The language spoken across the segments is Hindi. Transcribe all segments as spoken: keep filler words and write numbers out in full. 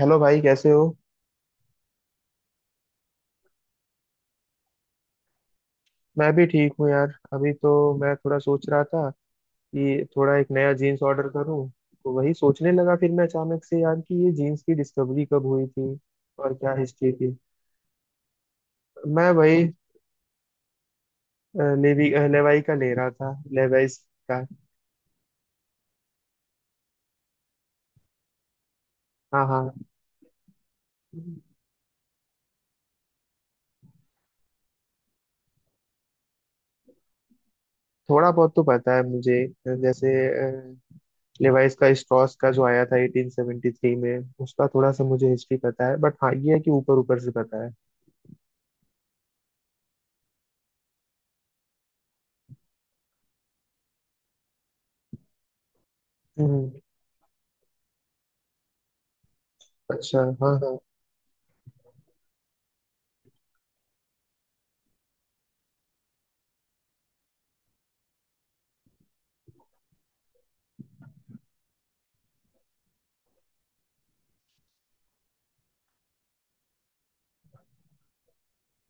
हेलो भाई, कैसे हो। मैं भी ठीक हूँ यार। अभी तो मैं थोड़ा सोच रहा था कि थोड़ा एक नया जीन्स ऑर्डर करूँ। तो वही सोचने लगा फिर मैं अचानक से यार कि ये जीन्स की डिस्कवरी कब हुई थी और क्या हिस्ट्री थी। मैं वही अ, लेवी अ, लेवाई का ले रहा था, लेवाइस का। हाँ हाँ, थोड़ा बहुत तो पता है मुझे, अ, जैसे अ, लेवाइस का स्ट्रॉस का जो आया था एटीन सेवेंटी थ्री में, उसका थोड़ा सा मुझे हिस्ट्री पता है। बट हाँ, ये है कि ऊपर ऊपर से पता है। हम्म। अच्छा, हाँ हाँ।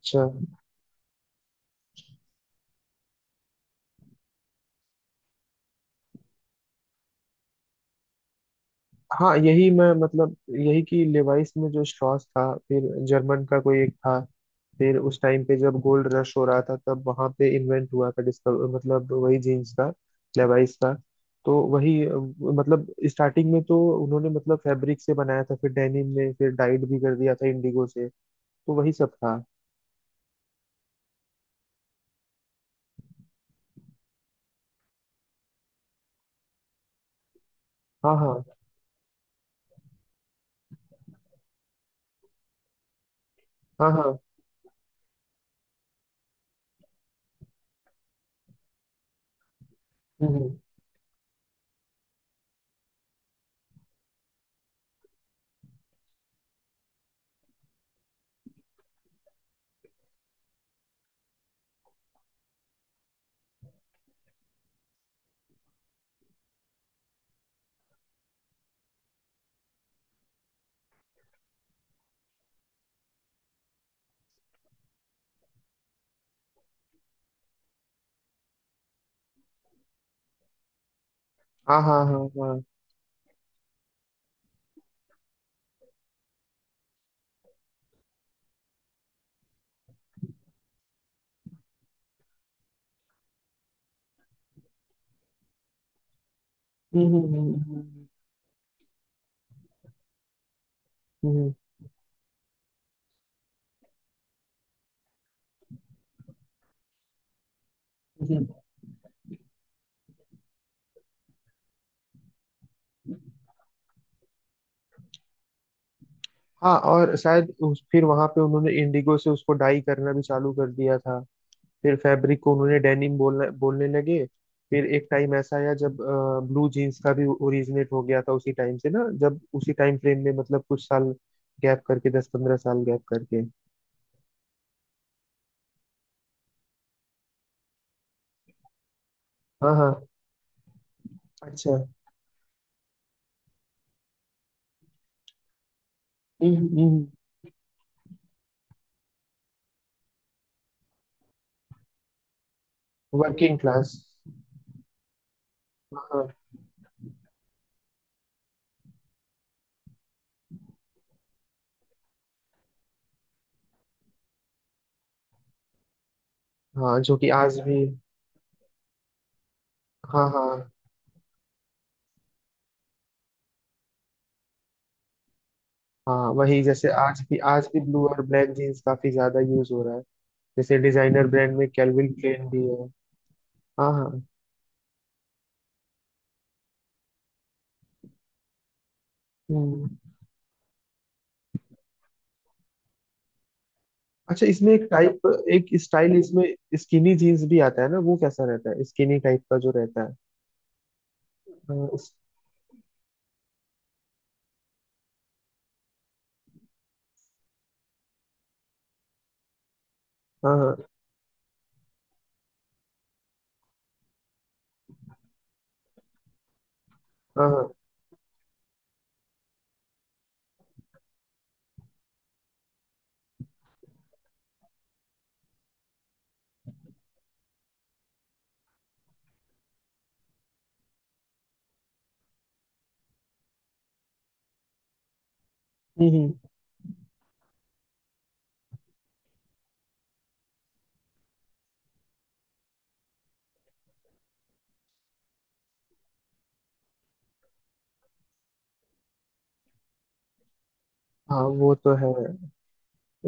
अच्छा, हाँ यही मैं मतलब, यही कि लेवाइस में जो स्ट्रॉस था, फिर जर्मन का कोई एक था, फिर उस टाइम पे जब गोल्ड रश हो रहा था तब वहां पे इन्वेंट हुआ था, डिस्कवर मतलब, वही जीन्स का, लेवाइस का। तो वही अ, मतलब स्टार्टिंग में तो उन्होंने मतलब फैब्रिक से बनाया था, फिर डेनिम में, फिर डाइड भी कर दिया था इंडिगो से। तो वही सब था। हाँ हाँ हाँ हाँ। हम्म। हाँ हाँ हाँ हाँ। हम्म हम्म हम्म हम्म हम्म। हम्म। हाँ, और शायद उस फिर वहां पे उन्होंने इंडिगो से उसको डाई करना भी चालू कर दिया था। फिर फैब्रिक को उन्होंने डेनिम बोलने बोलने लगे। फिर एक टाइम ऐसा आया जब ब्लू जीन्स का भी ओरिजिनेट हो गया था उसी टाइम से ना, जब उसी टाइम फ्रेम में मतलब कुछ साल गैप करके, दस पंद्रह साल गैप करके। हाँ हाँ। अच्छा। हम्म हम्म, हम्म। Working class. हाँ हाँ, जो कि आज भी। हाँ हाँ, हाँ वही, जैसे आज भी, आज भी ब्लू और ब्लैक जीन्स काफी ज्यादा यूज हो रहा है। जैसे डिजाइनर ब्रांड में कैल्विन क्लेन भी है। हाँ हाँ। हम्म। अच्छा, इसमें एक टाइप, एक स्टाइल इसमें स्किनी जीन्स भी आता है ना, वो कैसा रहता है, स्किनी टाइप का जो रहता है। हाँ इस- हाँ हाँ हाँ हाँ। हम्म हम्म। हाँ वो तो है।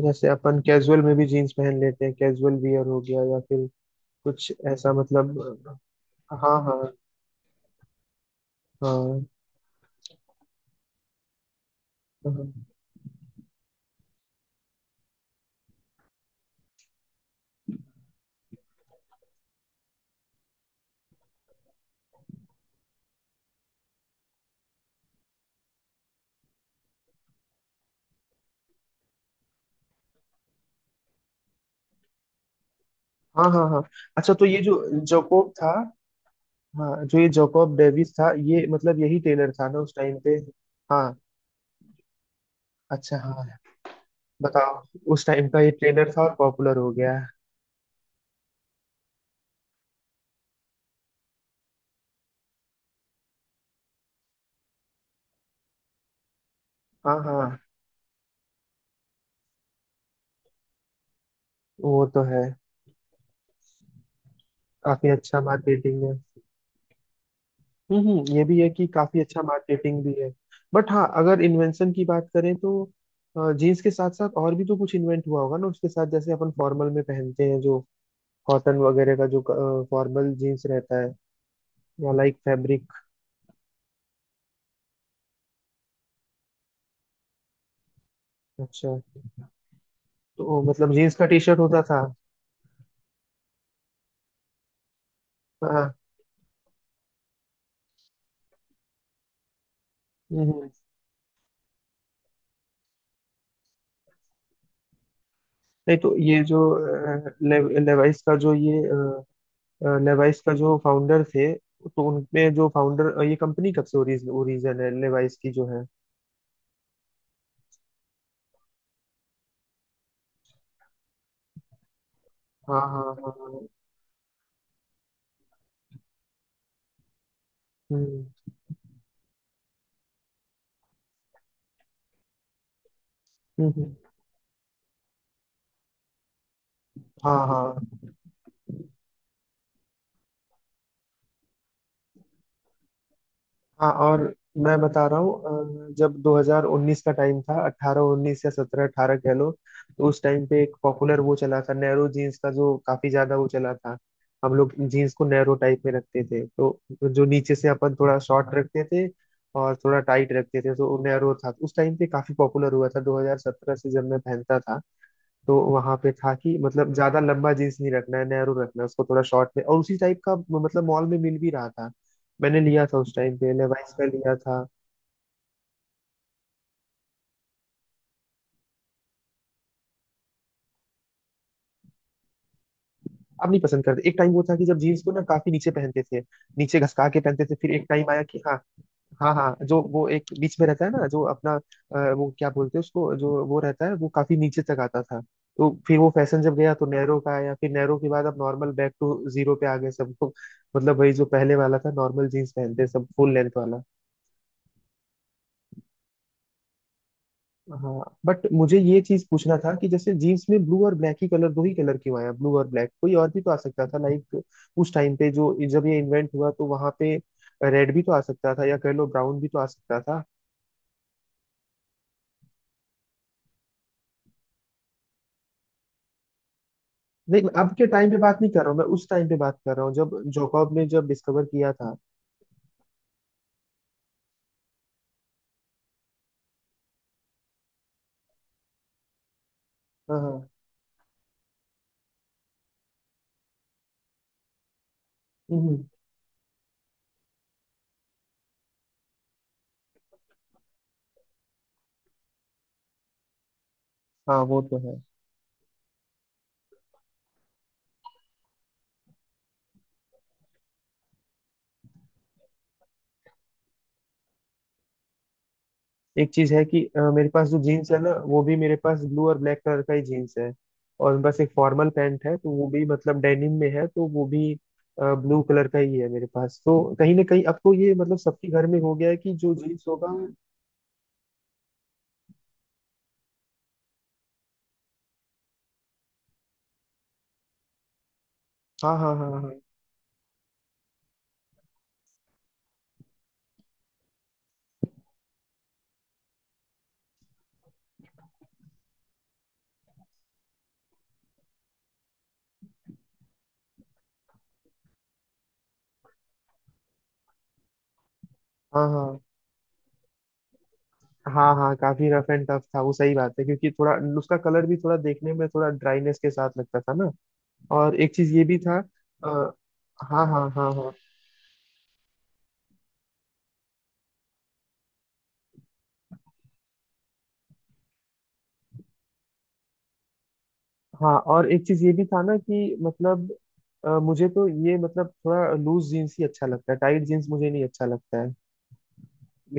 जैसे अपन कैजुअल में भी जीन्स पहन लेते हैं, कैजुअल वियर हो गया, या फिर कुछ ऐसा मतलब। हाँ हाँ हाँ। हाँ हाँ हाँ हाँ। अच्छा, तो ये जो जोकोब था, हाँ, जो ये जोकोब डेविस था, ये मतलब यही टेलर था ना उस टाइम पे। हाँ। अच्छा, हाँ बताओ। उस टाइम का ये ट्रेंड था और पॉपुलर हो गया है। हाँ हाँ, वो तो है। काफी अच्छा मार्केटिंग है। हम्म हम्म, ये भी है कि काफी अच्छा मार्केटिंग भी है। बट हाँ, अगर इन्वेंशन की बात करें तो जीन्स के साथ साथ और भी तो कुछ इन्वेंट हुआ होगा ना उसके साथ, जैसे अपन फॉर्मल में पहनते हैं जो कॉटन वगैरह का जो फॉर्मल जीन्स रहता है, या लाइक फैब्रिक। अच्छा, तो मतलब जीन्स का टी शर्ट होता था। हाँ। हम्म हम्म। नहीं, तो ये जो लेवाइस का जो ये, लेवाइस का जो फाउंडर थे, तो उनमें जो फाउंडर, ये कंपनी कब से ओरिजिन ओरिजिन है, लेवाइस की जो है। हाँ हाँ हाँ हाँ। हम्म हम्म हम्म। हाँ हाँ हाँ। और मैं बता रहा हूँ अ, जब दो हज़ार उन्नीस का टाइम था, अठारह उन्नीस या सत्रह अठारह कह लो, तो उस टाइम पे एक पॉपुलर वो चला था, नैरो जीन्स का जो काफी ज्यादा वो चला था। हम लोग जीन्स को नैरो टाइप में रखते थे, तो जो नीचे से अपन थोड़ा शॉर्ट रखते थे और थोड़ा टाइट रखते थे, तो नैरो था उस टाइम पे, काफी पॉपुलर हुआ था दो हज़ार सत्रह से, जब मैं पहनता था। तो वहां पे था कि मतलब ज्यादा लंबा जीन्स नहीं रखना है, नैरो रखना है उसको, थोड़ा शॉर्ट में, और उसी टाइप का मतलब मॉल में मिल भी रहा था। मैंने लिया था उस टाइम पे, लेवाइस का लिया था। अब नहीं पसंद करते। एक टाइम वो था कि जब जीन्स को ना काफी नीचे पहनते थे, नीचे घसका के पहनते थे, फिर एक टाइम आया कि हाँ, हाँ हाँ, जो वो एक बीच में रहता है ना जो अपना, अ, वो क्या बोलते हैं उसको, जो वो रहता है वो काफी नीचे तक आता था। तो फिर वो फैशन जब गया तो नैरो का आया, फिर नैरो के बाद अब नॉर्मल बैक टू जीरो पे आ गए सब लोग, मतलब वही जो पहले वाला था, नॉर्मल जीन्स पहनते सब, फुल लेंथ वाला। हाँ। बट मुझे ये चीज पूछना था कि जैसे जीन्स में ब्लू और ब्लैक ही कलर, दो ही कलर क्यों आया, ब्लू और ब्लैक, कोई और भी तो आ सकता था लाइक। उस टाइम पे जो जब ये इन्वेंट हुआ, तो वहां पे रेड भी तो आ सकता था या कह लो ब्राउन भी तो आ सकता था। नहीं, मैं अब के टाइम पे बात नहीं कर रहा हूँ, मैं उस टाइम पे बात कर रहा हूँ जब जोकॉब ने जब डिस्कवर किया था। हाँ हाँ। हम्म। हाँ वो तो है। एक चीज है कि अ, मेरे पास जो जीन्स है ना, वो भी मेरे पास ब्लू और ब्लैक कलर का ही जीन्स है, और बस एक फॉर्मल पैंट है तो वो भी मतलब डेनिम में है, तो वो भी ब्लू कलर का ही है मेरे पास। तो कहीं ना कहीं अब तो ये मतलब सबके घर में हो गया है कि जो जीन्स होगा। हाँ हाँ हाँ हाँ। हाँ हाँ हाँ हाँ, काफी रफ एंड टफ था वो, सही बात है क्योंकि थोड़ा उसका कलर भी थोड़ा देखने में थोड़ा ड्राईनेस के साथ लगता था ना। और एक चीज ये भी था। आ, हाँ हाँ हाँ हाँ। हाँ, और एक चीज ये भी था ना कि मतलब अ, मुझे तो ये मतलब थोड़ा लूज जीन्स ही अच्छा लगता है, टाइट जीन्स मुझे नहीं अच्छा लगता है,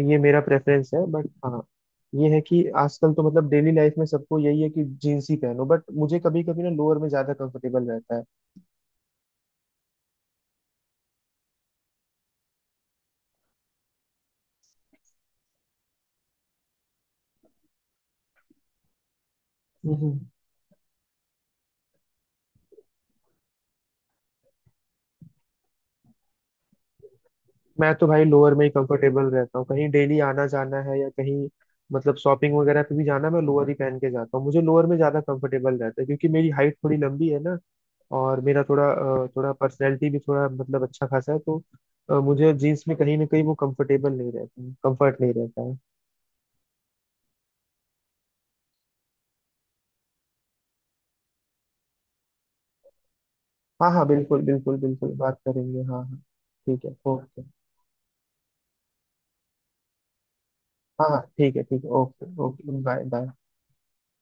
ये मेरा प्रेफरेंस है। बट हाँ, ये है कि आजकल तो मतलब डेली लाइफ में सबको यही है कि जीन्स ही पहनो, बट मुझे कभी कभी ना लोअर में ज्यादा कंफर्टेबल रहता है। हम्म। मैं तो भाई लोअर में ही कंफर्टेबल रहता हूँ, कहीं डेली आना जाना है या कहीं मतलब शॉपिंग वगैरह पे भी जाना, मैं लोअर ही पहन के जाता हूँ। मुझे लोअर में ज्यादा कंफर्टेबल रहता है, क्योंकि मेरी हाइट थोड़ी लंबी है ना, और मेरा थोड़ा अ, थोड़ा पर्सनैलिटी भी थोड़ा मतलब अच्छा खासा है, तो अ, मुझे जीन्स में कहीं ना कहीं वो कंफर्टेबल नहीं रहती, कंफर्ट नहीं रहता है। हाँ हाँ, बिल्कुल बिल्कुल बिल्कुल बात करेंगे, हाँ हाँ, ठीक है, ओके। हाँ हाँ, ठीक है, ठीक है, ओके ओके, बाय बाय।